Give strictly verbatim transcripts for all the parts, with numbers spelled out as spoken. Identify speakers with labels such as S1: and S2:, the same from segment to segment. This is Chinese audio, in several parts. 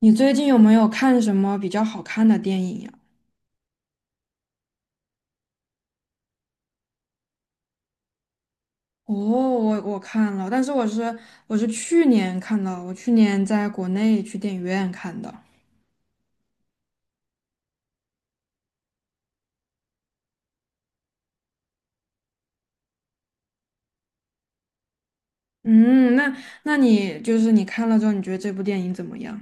S1: 你最近有没有看什么比较好看的电影呀？哦，我我看了，但是我是我是去年看的，我去年在国内去电影院看的。嗯，那那你就是你看了之后，你觉得这部电影怎么样？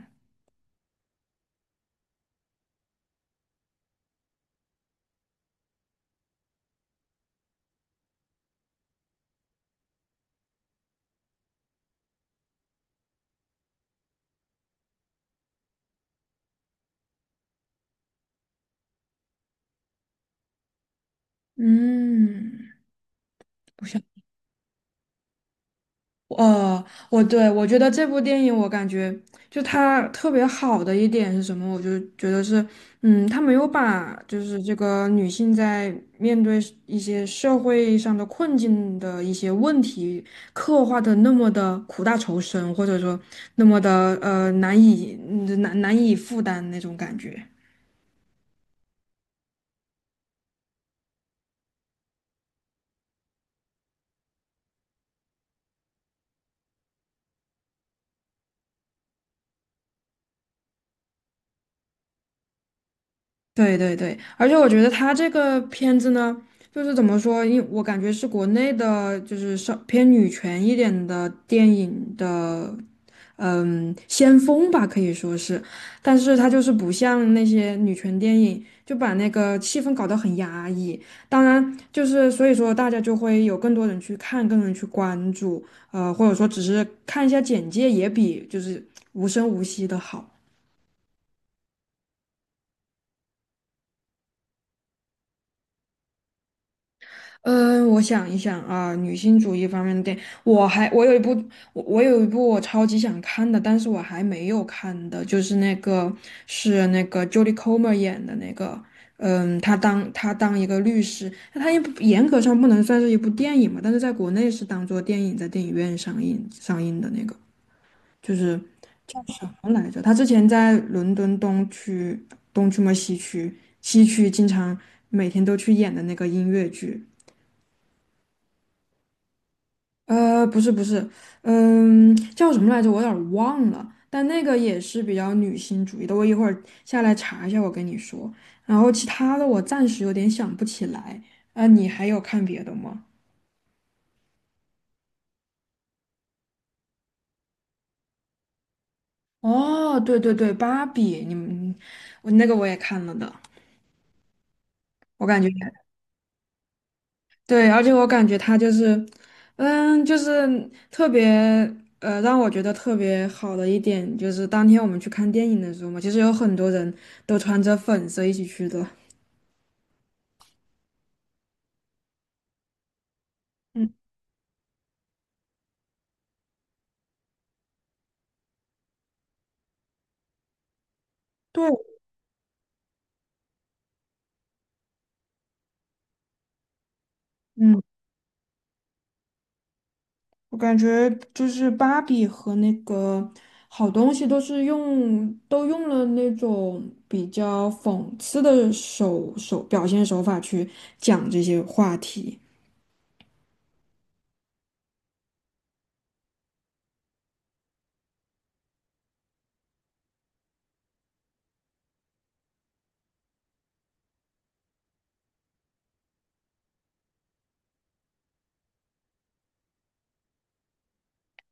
S1: 嗯，不像。呃，我对我觉得这部电影，我感觉就它特别好的一点是什么？我就觉得是，嗯，它没有把就是这个女性在面对是一些社会上的困境的一些问题刻画的那么的苦大仇深，或者说那么的呃难以嗯难难以负担那种感觉。对对对，而且我觉得他这个片子呢，就是怎么说，因我感觉是国内的，就是稍偏女权一点的电影的先锋吧，可以说是。但是他就是不像那些女权电影，就把那个气氛搞得很压抑。当然，就是所以说大家就会有更多人去看，更多人去关注，呃，或者说只是看一下简介，也比就是无声无息的好。嗯，我想一想啊，女性主义方面的电影，我还我有一部我我有一部我超级想看的，但是我还没有看的，就是那个是那个 Jodie Comer 演的那个，嗯，她当她当一个律师，那她也不严格上不能算是一部电影嘛，但是在国内是当做电影在电影院上映上映的那个，就是什么来着？她之前在伦敦东区东区嘛西区西区经常每天都去演的那个音乐剧。呃，不是不是，嗯，叫什么来着？我有点儿忘了。但那个也是比较女性主义的，我一会儿下来查一下，我跟你说。然后其他的我暂时有点想不起来。啊，你还有看别的吗？哦，对对对，芭比，你们我那个我也看了的，我感觉 对，而且我感觉它就是，嗯，就是特别呃，让我觉得特别好的一点就是当天我们去看电影的时候嘛，其实有很多人都穿着粉色一起去的。嗯，对，嗯，我感觉就是芭比和那个好东西都是用都用了那种比较讽刺的手手表现手法去讲这些话题。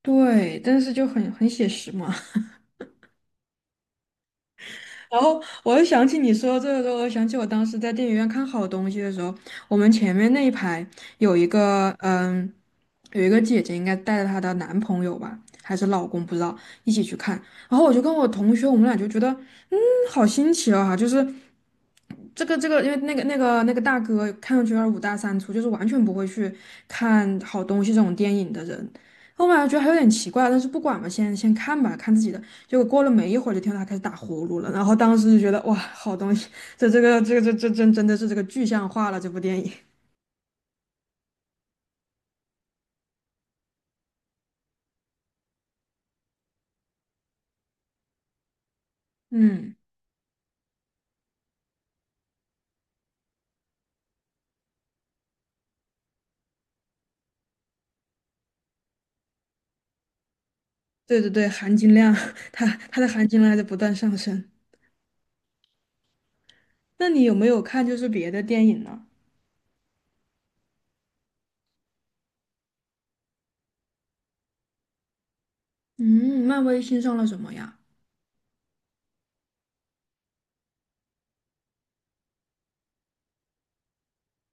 S1: 对，但是就很很写实嘛。然后我又想起你说这个时候，我想起我当时在电影院看好东西的时候，我们前面那一排有一个嗯，有一个姐姐应该带着她的男朋友吧，还是老公不知道，一起去看。然后我就跟我同学，我们俩就觉得嗯，好新奇啊，就是这个这个，因为那个那个那个大哥看上去有点五大三粗，就是完全不会去看好东西这种电影的人。后面还觉得还有点奇怪，但是不管嘛，先先看吧，看自己的。结果过了没一会儿，就听到他开始打呼噜了，然后当时就觉得哇，好东西，这这个这个这这真真的是这个具象化了这部电影。嗯，对对对，含金量，它它的含金量还在不断上升。那你有没有看就是别的电影呢？嗯，漫威新上了什么呀？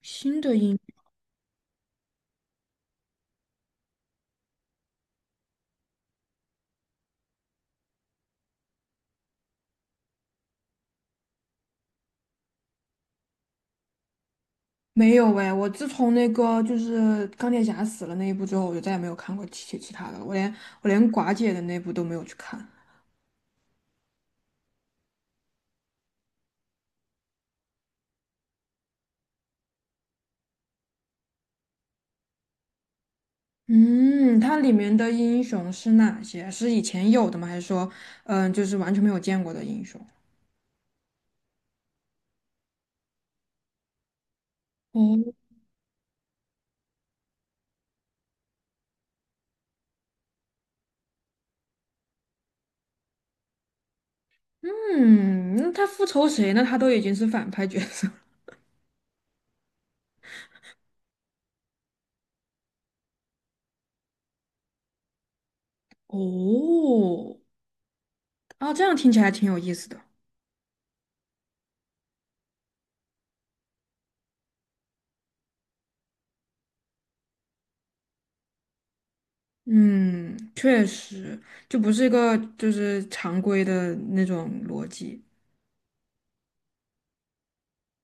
S1: 新的影没有哎，我自从那个就是钢铁侠死了那一部之后，我就再也没有看过其其他的了。我连我连寡姐的那部都没有去看。嗯，它里面的英雄是哪些？是以前有的吗？还是说，嗯，就是完全没有见过的英雄？哦，嗯，那他复仇谁呢？他都已经是反派角色了哦，啊，这样听起来挺有意思的。嗯，确实，就不是一个就是常规的那种逻辑。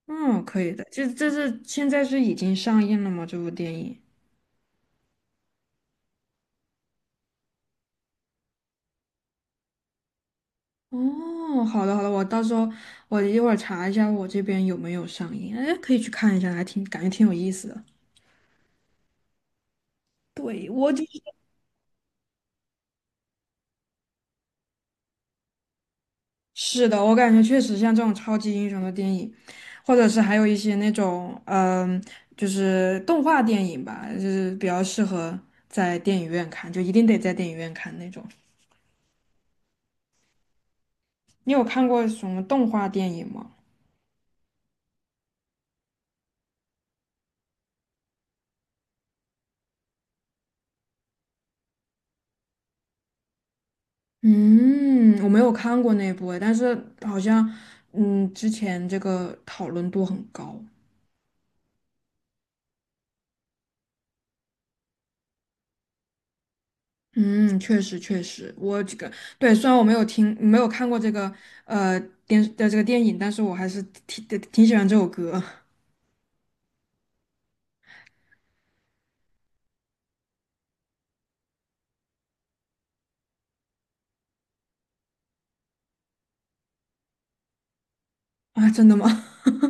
S1: 嗯，可以的。就这是现在是已经上映了吗？这部电影？哦，好的好的，我到时候我一会儿查一下我这边有没有上映，哎，可以去看一下，还挺感觉挺有意思的。对，我就是是的，我感觉确实像这种超级英雄的电影，或者是还有一些那种嗯，就是动画电影吧，就是比较适合在电影院看，就一定得在电影院看那种。你有看过什么动画电影吗？嗯，我没有看过那部诶，但是好像，嗯，之前这个讨论度很高。嗯，确实确实，我这个对，虽然我没有听没有看过这个呃电的这个电影，但是我还是挺挺挺喜欢这首歌啊，真的吗？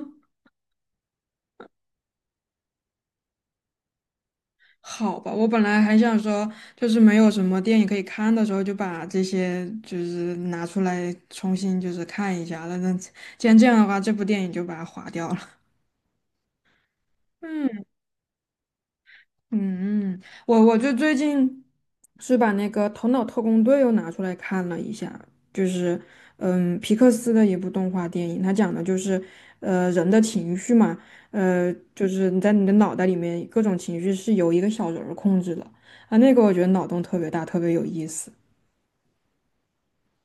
S1: 好吧，我本来还想说，就是没有什么电影可以看的时候，就把这些就是拿出来重新就是看一下了。那既然这样的话，这部电影就把它划掉了。嗯。嗯，嗯我我就最近是把那个《头脑特工队》又拿出来看了一下，就是嗯，皮克斯的一部动画电影，它讲的就是呃人的情绪嘛，呃，就是你在你的脑袋里面各种情绪是由一个小人儿控制的啊，那个我觉得脑洞特别大，特别有意思，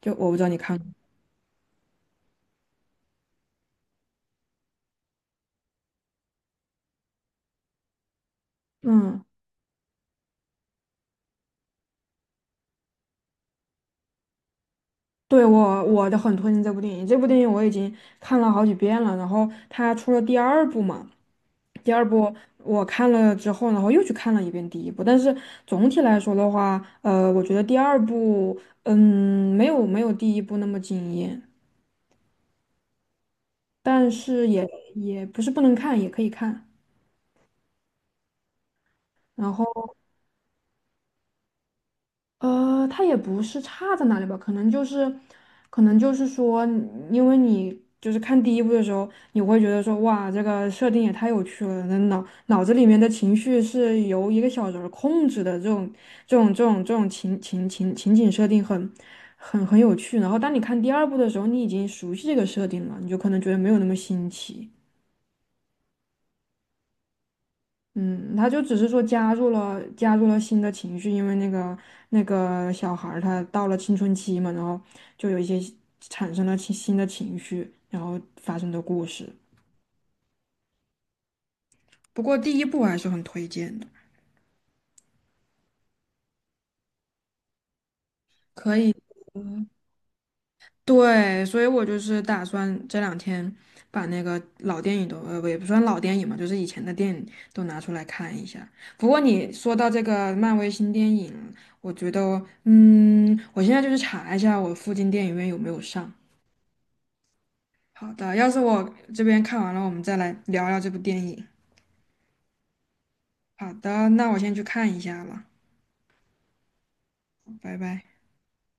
S1: 就我不知道你看过，嗯。对，我我的很推荐这部电影，这部电影我已经看了好几遍了。然后它出了第二部嘛，第二部我看了之后，然后又去看了一遍第一部。但是总体来说的话，呃，我觉得第二部，嗯，没有没有第一部那么惊艳，但是也也不是不能看，也可以看。然后。呃，它也不是差在哪里吧，可能就是，可能就是说，因为你就是看第一部的时候，你会觉得说，哇，这个设定也太有趣了，那脑脑子里面的情绪是由一个小人儿控制的，这种这种这种这种情情情情景设定很很很有趣。然后当你看第二部的时候，你已经熟悉这个设定了，你就可能觉得没有那么新奇。嗯，他就只是说加入了加入了新的情绪，因为那个那个小孩儿他到了青春期嘛，然后就有一些产生了新新的情绪，然后发生的故事。不过第一部还是很推荐的，可以。对，所以我就是打算这两天把那个老电影都，呃，也不算老电影嘛，就是以前的电影都拿出来看一下。不过你说到这个漫威新电影，我觉得，嗯，我现在就是查一下我附近电影院有没有上。好的，要是我这边看完了，我们再来聊聊这部电影。好的，那我先去看一下了，拜拜。